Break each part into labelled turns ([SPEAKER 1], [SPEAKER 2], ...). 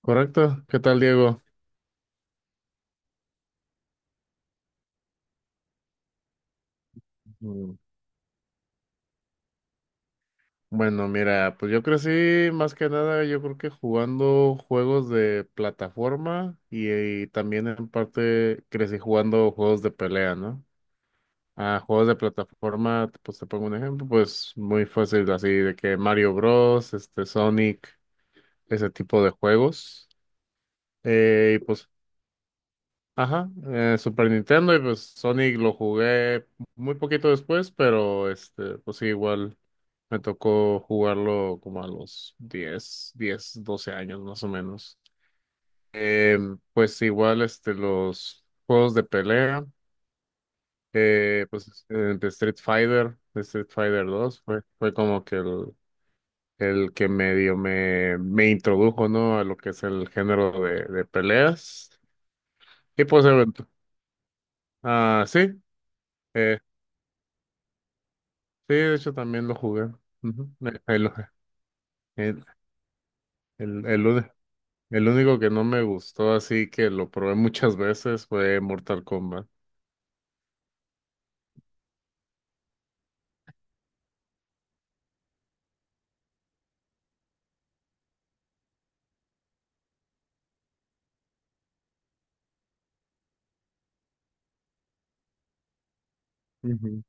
[SPEAKER 1] Correcto. ¿Qué tal, Diego? Mm, Bueno, mira, pues yo crecí más que nada, yo creo que jugando juegos de plataforma y también en parte crecí jugando juegos de pelea, ¿no? Ah, juegos de plataforma, pues te pongo un ejemplo, pues muy fácil, así de que Mario Bros, este, Sonic, ese tipo de juegos. Y pues ajá, Super Nintendo y pues Sonic lo jugué muy poquito después, pero este, pues sí, igual me tocó jugarlo como a los 10 10 12 años más o menos. Pues igual este, los juegos de pelea, de Street Fighter 2 fue como que el que medio me introdujo, ¿no? A lo que es el género de peleas. Y pues ah, sí. Sí, de hecho también lo jugué. Ujú. El, el el único que no me gustó, así que lo probé muchas veces, fue Mortal Kombat. Ujú,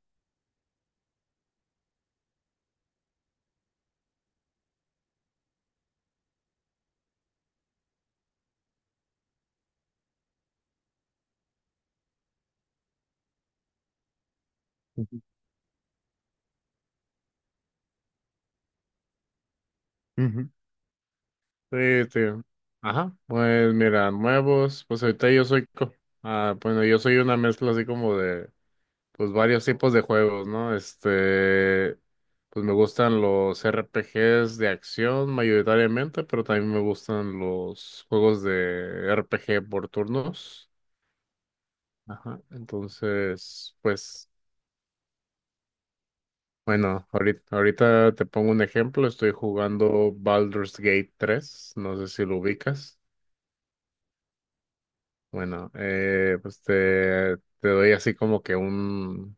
[SPEAKER 1] ujú, ujú. Sí, sí. Ajá. Pues mira, nuevos, pues ahorita ah, bueno, yo soy una mezcla así como de, pues varios tipos de juegos, ¿no? Este, pues me gustan los R P RPGs de acción mayoritariamente, pero también me gustan los juegos de RPG por turnos. Ajá. Entonces, pues, bueno, ahorita te pongo un ejemplo. Estoy jugando Baldur's Gate 3. No sé si lo ubicas. Bueno, pues te doy así como que un,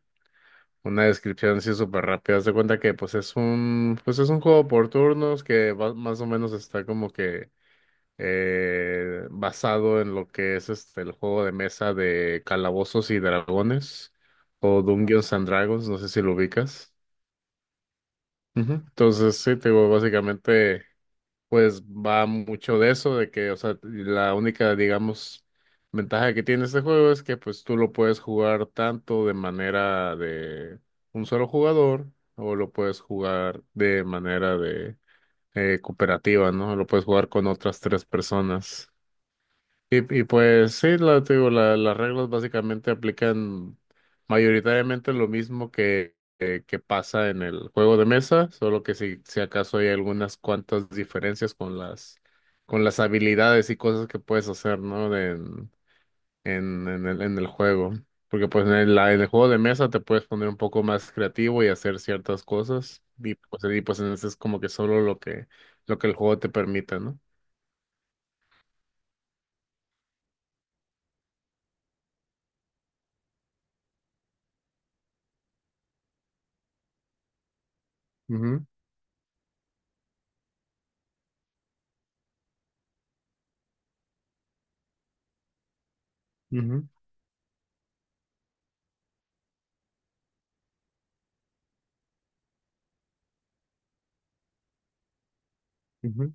[SPEAKER 1] una descripción así súper rápida. Haz de cuenta que pues pues es un juego por turnos más o menos está como que basado en lo que es este el juego de mesa de Calabozos y Dragones o Dungeons and Dragons. No sé si lo ubicas. Ujú. Entonces, sí, te digo, básicamente, pues va mucho de eso, de que, o sea, la única, digamos, ventaja que tiene este juego es que, pues, tú lo puedes jugar tanto de manera de un solo jugador, o lo puedes jugar de manera de cooperativa, ¿no? Lo puedes jugar con otras tres personas. Y pues sí, te digo, las reglas básicamente aplican mayoritariamente lo mismo que pasa en el juego de mesa, solo que si acaso hay algunas cuantas diferencias con las habilidades y cosas que puedes hacer, ¿no? En, en el juego. Porque pues en el juego de mesa te puedes poner un poco más creativo y hacer ciertas cosas. Y pues en ese es como que solo lo que el juego te permita, ¿no? Ujú, ujú, ujú.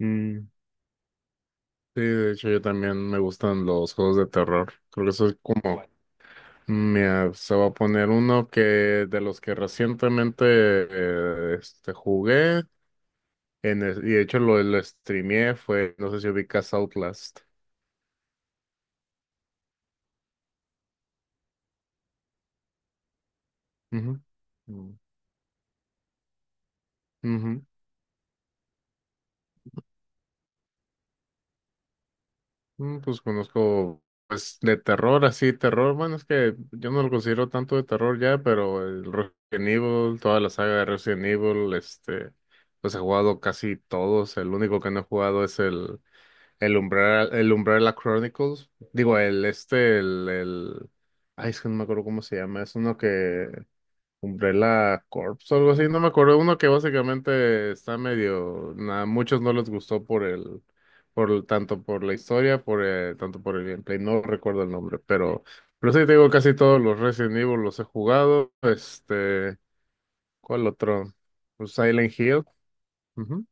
[SPEAKER 1] Mm. Sí, de hecho yo también me gustan los juegos de terror. Creo que eso es como, ¿cuál? Mira, se va a poner uno que de los que recientemente este, jugué y de hecho lo streameé fue, no sé si ubicas Outlast. Ujú. Mm. Ujú. Pues conozco, pues de terror, así, terror, bueno, es que yo no lo considero tanto de terror ya, pero el Resident Evil, toda la saga de Resident Evil, este, pues he jugado casi todos, el único que no he jugado es el Umbrella, el Umbrella Chronicles. Digo, el este, el, el. Ay, es que no me acuerdo cómo se llama. Es uno que Umbrella Corps o algo así. No me acuerdo. Uno que básicamente está medio, muchos no les gustó por el, por, tanto por la historia, por tanto por el gameplay. No recuerdo el nombre. Pero sí te digo, casi todos los Resident Evil los he jugado. Este. ¿Cuál otro? Pues Silent Hill. Ujú.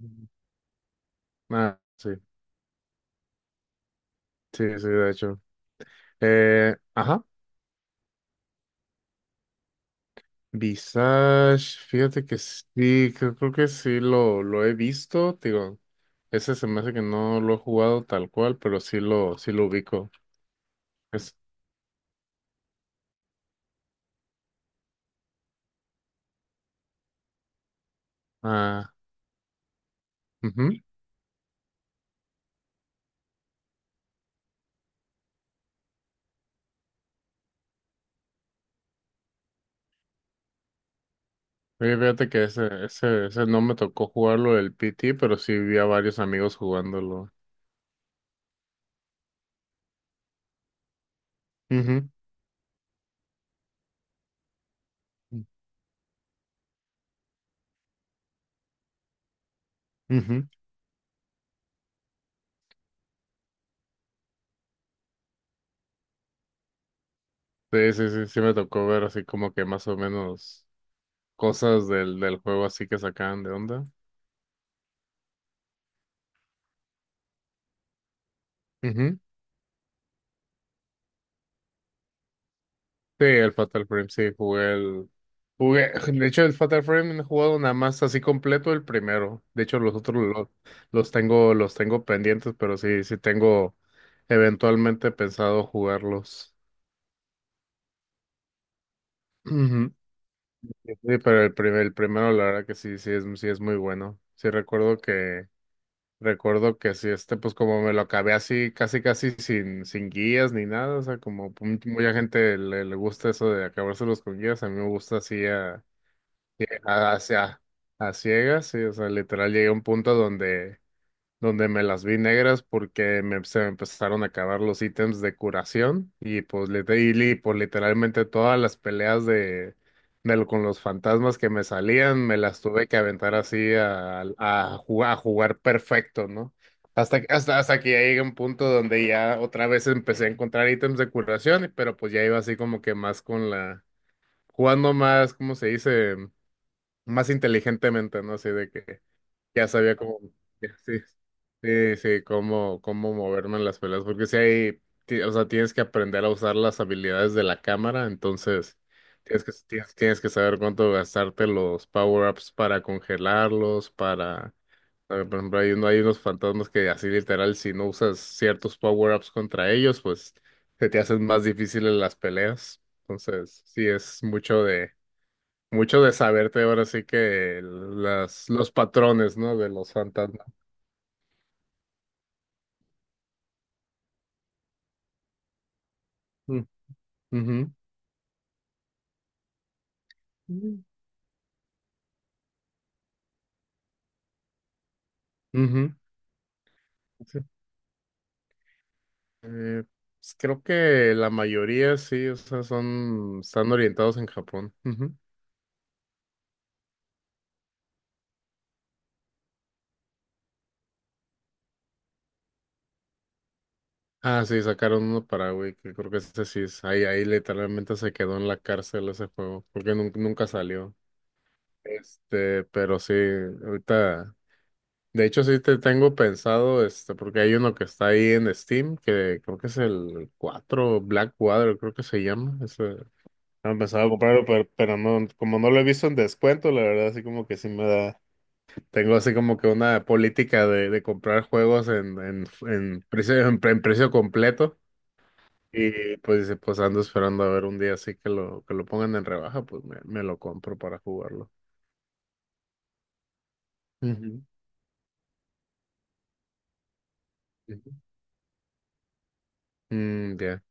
[SPEAKER 1] Ujú. Ah, sí. Sí, sí, de hecho. Ajá, Visage, fíjate que sí, creo que sí lo he visto, te digo, ese se me hace que no lo he jugado tal cual, pero sí lo ubico. Es, ah, ujú. Sí, fíjate que ese no me tocó jugarlo el PT, pero sí vi a varios amigos jugándolo. Ujú, ujú. Sí, sí, sí, sí me tocó ver así como que más o menos cosas del juego así que sacaban de onda. Sí, el Fatal Frame, sí, jugué, de hecho, el Fatal Frame no he jugado nada más así completo el primero. De hecho, los otros los tengo pendientes, pero sí, sí tengo eventualmente pensado jugarlos. Ujú. Sí, pero el primero, la verdad que sí, sí es muy bueno. Sí recuerdo que sí, este, pues como me lo acabé así, casi casi sin guías ni nada. O sea, como mucha gente le gusta eso de acabárselos con guías, a mí me gusta así a A, hacia- a ciegas, sí, o sea, literal llegué a un punto donde, me las vi negras porque se me empezaron a acabar los ítems de curación y pues, literalmente todas las peleas con los fantasmas que me salían me las tuve que aventar así a jugar perfecto, ¿no? Hasta que ya llegué a un punto donde ya otra vez empecé a encontrar ítems de curación, pero pues ya iba así como que más con jugando más, ¿cómo se dice? Más inteligentemente, ¿no? Así de que ya sabía cómo, ya, sí, sí, sí, cómo moverme en las peleas, porque si o sea, tienes que aprender a usar las habilidades de la cámara, entonces tienes que saber cuánto gastarte los power-ups para congelarlos, por ejemplo, hay unos fantasmas que así literal, si no usas ciertos power-ups contra ellos, pues se te hacen más difíciles las peleas, entonces sí, es mucho de saberte ahora sí que los patrones, ¿no? De los fantasmas. Mm, ujú, mm, ujú, sí. Eh, pues creo que la mayoría sí, o sea, son, están orientados en Japón. Ujú. Ah, sí, sacaron uno para Wii, que creo que ese sí ahí literalmente se quedó en la cárcel ese juego, porque nunca salió. Este, pero sí, ahorita. De hecho, sí te tengo pensado, este, porque hay uno que está ahí en Steam, que creo que es el 4 Black Water, creo que se llama. Ese, no, pensaba comprarlo, pero, no, como no lo he visto en descuento, la verdad, así como que sí me da. Tengo así como que una política de comprar juegos en precio completo. Y pues, dice, pues ando esperando a ver un día así que lo pongan en rebaja, pues me lo compro para jugarlo. Ujú, ujú. Mm, ya.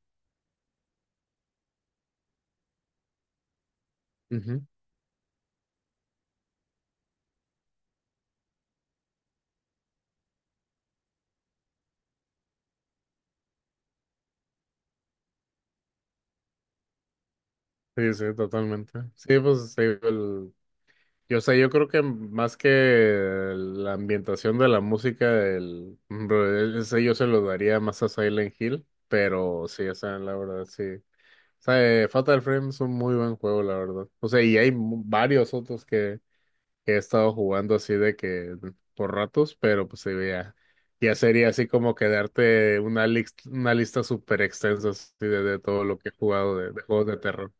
[SPEAKER 1] Sí, sí, totalmente. Sí, pues te digo, o sea, yo creo que más que la ambientación de la música, el, por ejemplo, ese yo se lo daría más a Silent Hill, pero sí, o sea, la verdad, sí. O sea, Fatal Frame es un muy buen juego, la verdad. O sea, y hay varios otros que he estado jugando así de que por ratos, pero pues sí, ya, sería así como quedarte una lista súper extensa así de todo lo que he jugado de juegos de terror.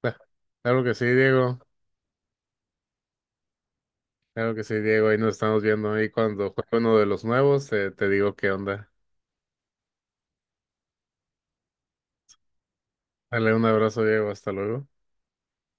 [SPEAKER 1] Cla- Claro que sí, Diego. Claro que sí, Diego. Ahí nos estamos viendo. Ahí cuando juegue uno de los nuevos, te digo qué onda. Dale un abrazo, Diego. Hasta luego.